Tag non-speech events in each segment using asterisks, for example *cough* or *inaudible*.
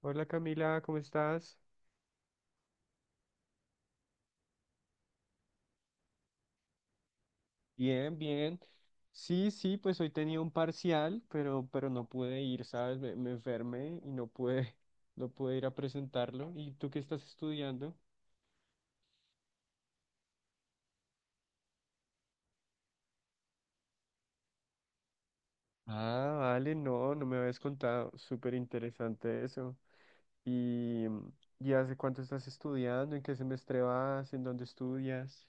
Hola Camila, ¿cómo estás? Bien, bien. Sí, sí, pues hoy tenía un parcial, pero no pude ir, ¿sabes? Me enfermé y no pude, *laughs* no pude ir a presentarlo. ¿Y tú qué estás estudiando? Ah, vale, no, no me habías contado. Súper interesante eso. ¿Y, y hace cuánto estás estudiando? ¿En qué semestre vas? ¿En dónde estudias?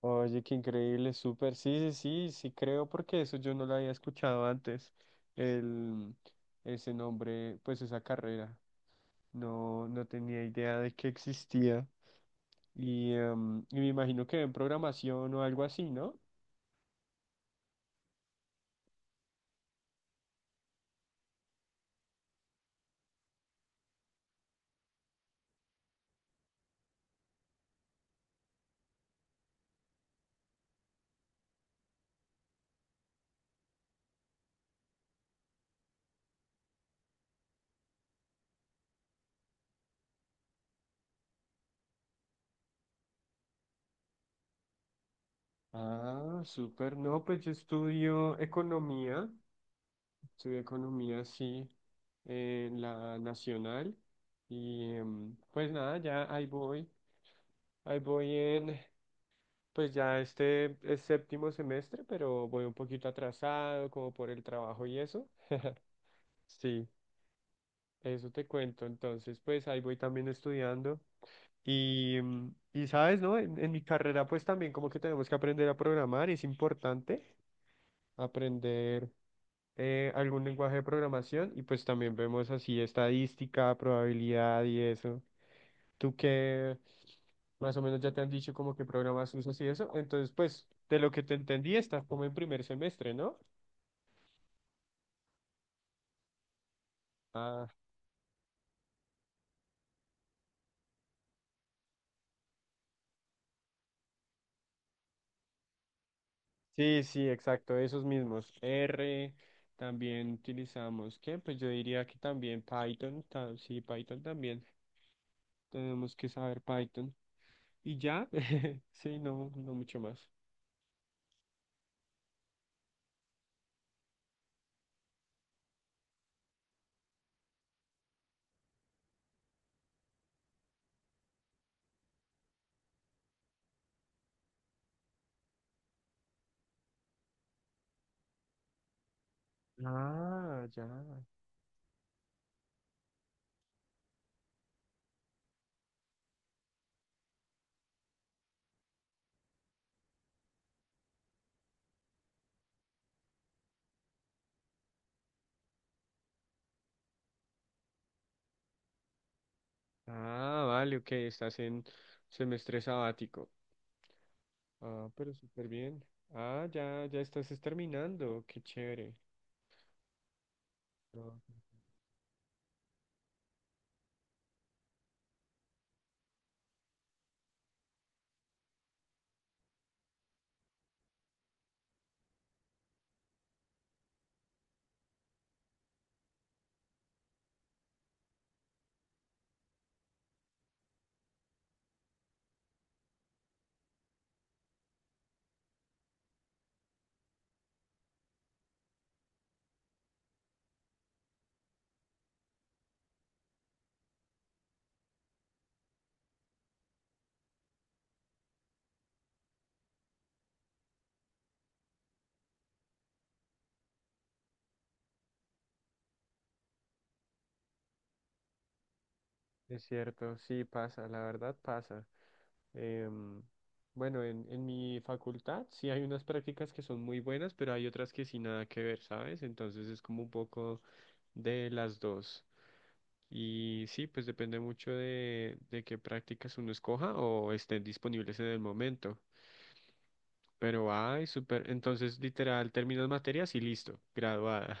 Oye, qué increíble, súper. Sí, sí, sí, sí creo porque eso yo no lo había escuchado antes. El, ese nombre, pues esa carrera. No, no tenía idea de que existía. Y, y me imagino que en programación o algo así, ¿no? Ah, súper. No, pues yo estudio economía. Estudio economía, sí, en la nacional. Y pues nada, ya ahí voy. Ahí voy en, pues ya este es séptimo semestre, pero voy un poquito atrasado, como por el trabajo y eso. Sí, eso te cuento. Entonces, pues ahí voy también estudiando. Y, y sabes, ¿no? En mi carrera, pues también como que tenemos que aprender a programar. Es importante aprender algún lenguaje de programación. Y pues también vemos así estadística, probabilidad y eso. Tú que más o menos ya te han dicho como que programas usas y eso, entonces pues de lo que te entendí estás como en primer semestre, ¿no? Ah, sí, sí, exacto, esos mismos. R, también utilizamos, ¿qué? Pues yo diría que también Python, sí, Python también. Tenemos que saber Python. Y ya, *laughs* sí, no, no mucho más. Ah, ya. Ah, vale, ok, estás en semestre sabático. Ah, pero súper bien. Ah, ya, ya estás es terminando. Qué chévere. No, es cierto, sí pasa, la verdad pasa. Em, bueno, en mi facultad sí hay unas prácticas que son muy buenas, pero hay otras que sí nada que ver, ¿sabes? Entonces es como un poco de las dos. Y sí, pues depende mucho de qué prácticas uno escoja o estén disponibles en el momento. Pero, ay, súper. Entonces, literal, terminas materias y listo, graduada.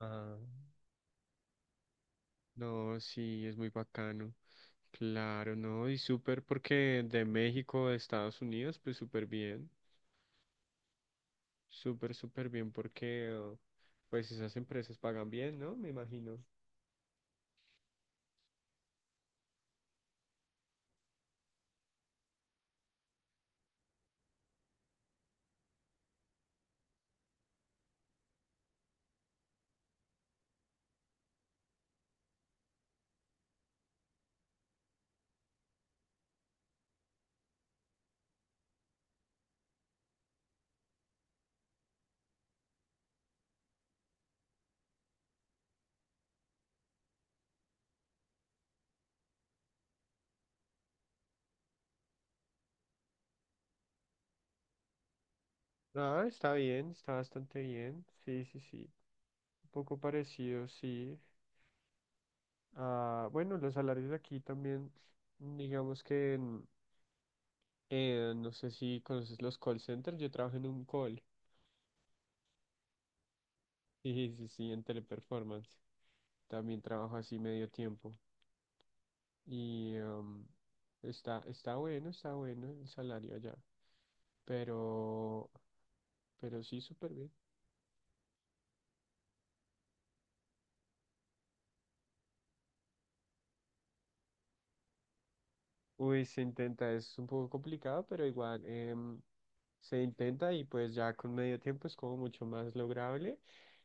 Ah, no, sí, es muy bacano. Claro, no, y súper porque de México a Estados Unidos, pues súper bien. Súper, súper bien porque, oh, pues esas empresas pagan bien, ¿no? Me imagino. Ah, está bien, está bastante bien. Sí, sí, sí. Un poco parecido, sí. Ah, bueno, los salarios de aquí también, digamos que... no sé si conoces los call centers, yo trabajo en un call. *laughs* Sí, sí, sí, en Teleperformance. También trabajo así medio tiempo. Y está, está bueno el salario allá. Pero, pero sí, súper bien. Uy, se intenta, es un poco complicado, pero igual se intenta y pues ya con medio tiempo es como mucho más lograble.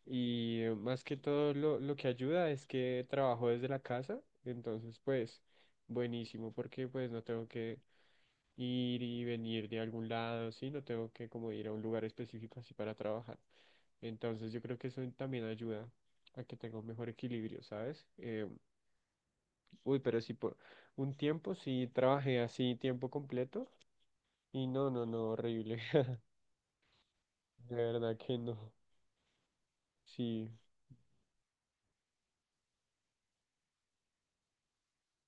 Y más que todo lo que ayuda es que trabajo desde la casa, entonces pues buenísimo porque pues no tengo que ir y venir de algún lado, sí, no tengo que como ir a un lugar específico así para trabajar. Entonces yo creo que eso también ayuda a que tenga un mejor equilibrio, ¿sabes? Uy, pero sí, por un tiempo sí trabajé así tiempo completo y no, no, no, horrible. *laughs* De verdad que no. Sí,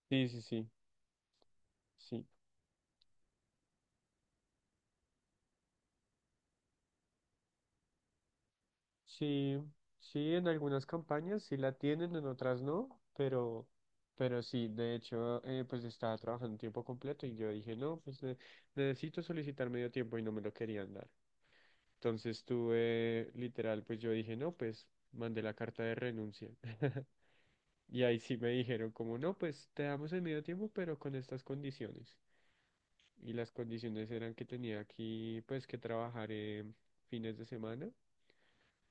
sí, sí, sí, sí. Sí, sí, en algunas campañas sí la tienen, en otras no, pero sí, de hecho, pues estaba trabajando tiempo completo y yo dije, no, pues necesito solicitar medio tiempo y no me lo querían dar. Entonces tuve, literal, pues yo dije, no, pues mandé la carta de renuncia. Y ahí sí me dijeron como, no, pues te damos el medio tiempo, pero con estas condiciones. Y las condiciones eran que tenía aquí, pues, que trabajar fines de semana.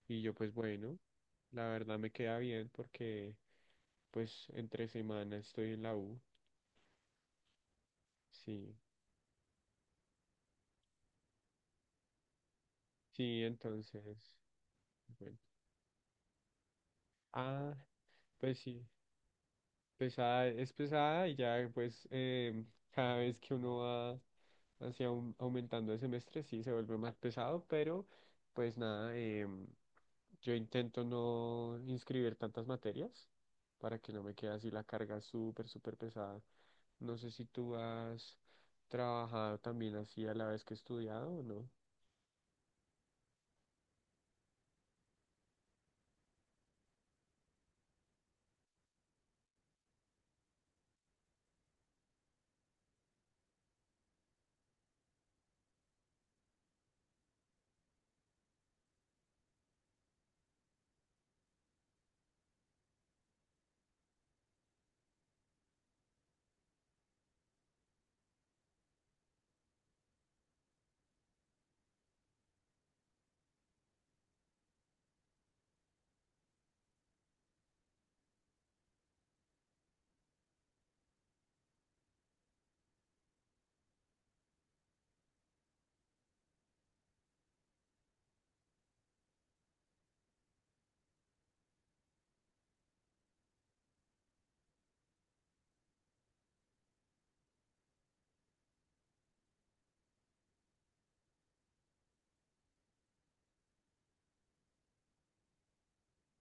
Y yo, pues, bueno, la verdad me queda bien porque, pues, entre semana estoy en la U. Sí, sí, entonces, bueno. Ah, pues sí. Pesada, es pesada y ya pues cada vez que uno va así aumentando el semestre sí se vuelve más pesado, pero pues nada, yo intento no inscribir tantas materias para que no me quede así la carga súper, súper pesada. No sé si tú has trabajado también así a la vez que estudiado o no.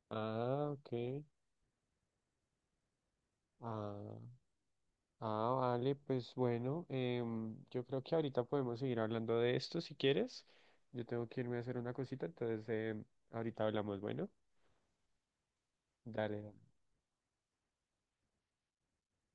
Ah, ok. Ah. Ah, vale, pues bueno, yo creo que ahorita podemos seguir hablando de esto si quieres. Yo tengo que irme a hacer una cosita, entonces ahorita hablamos, bueno, dale.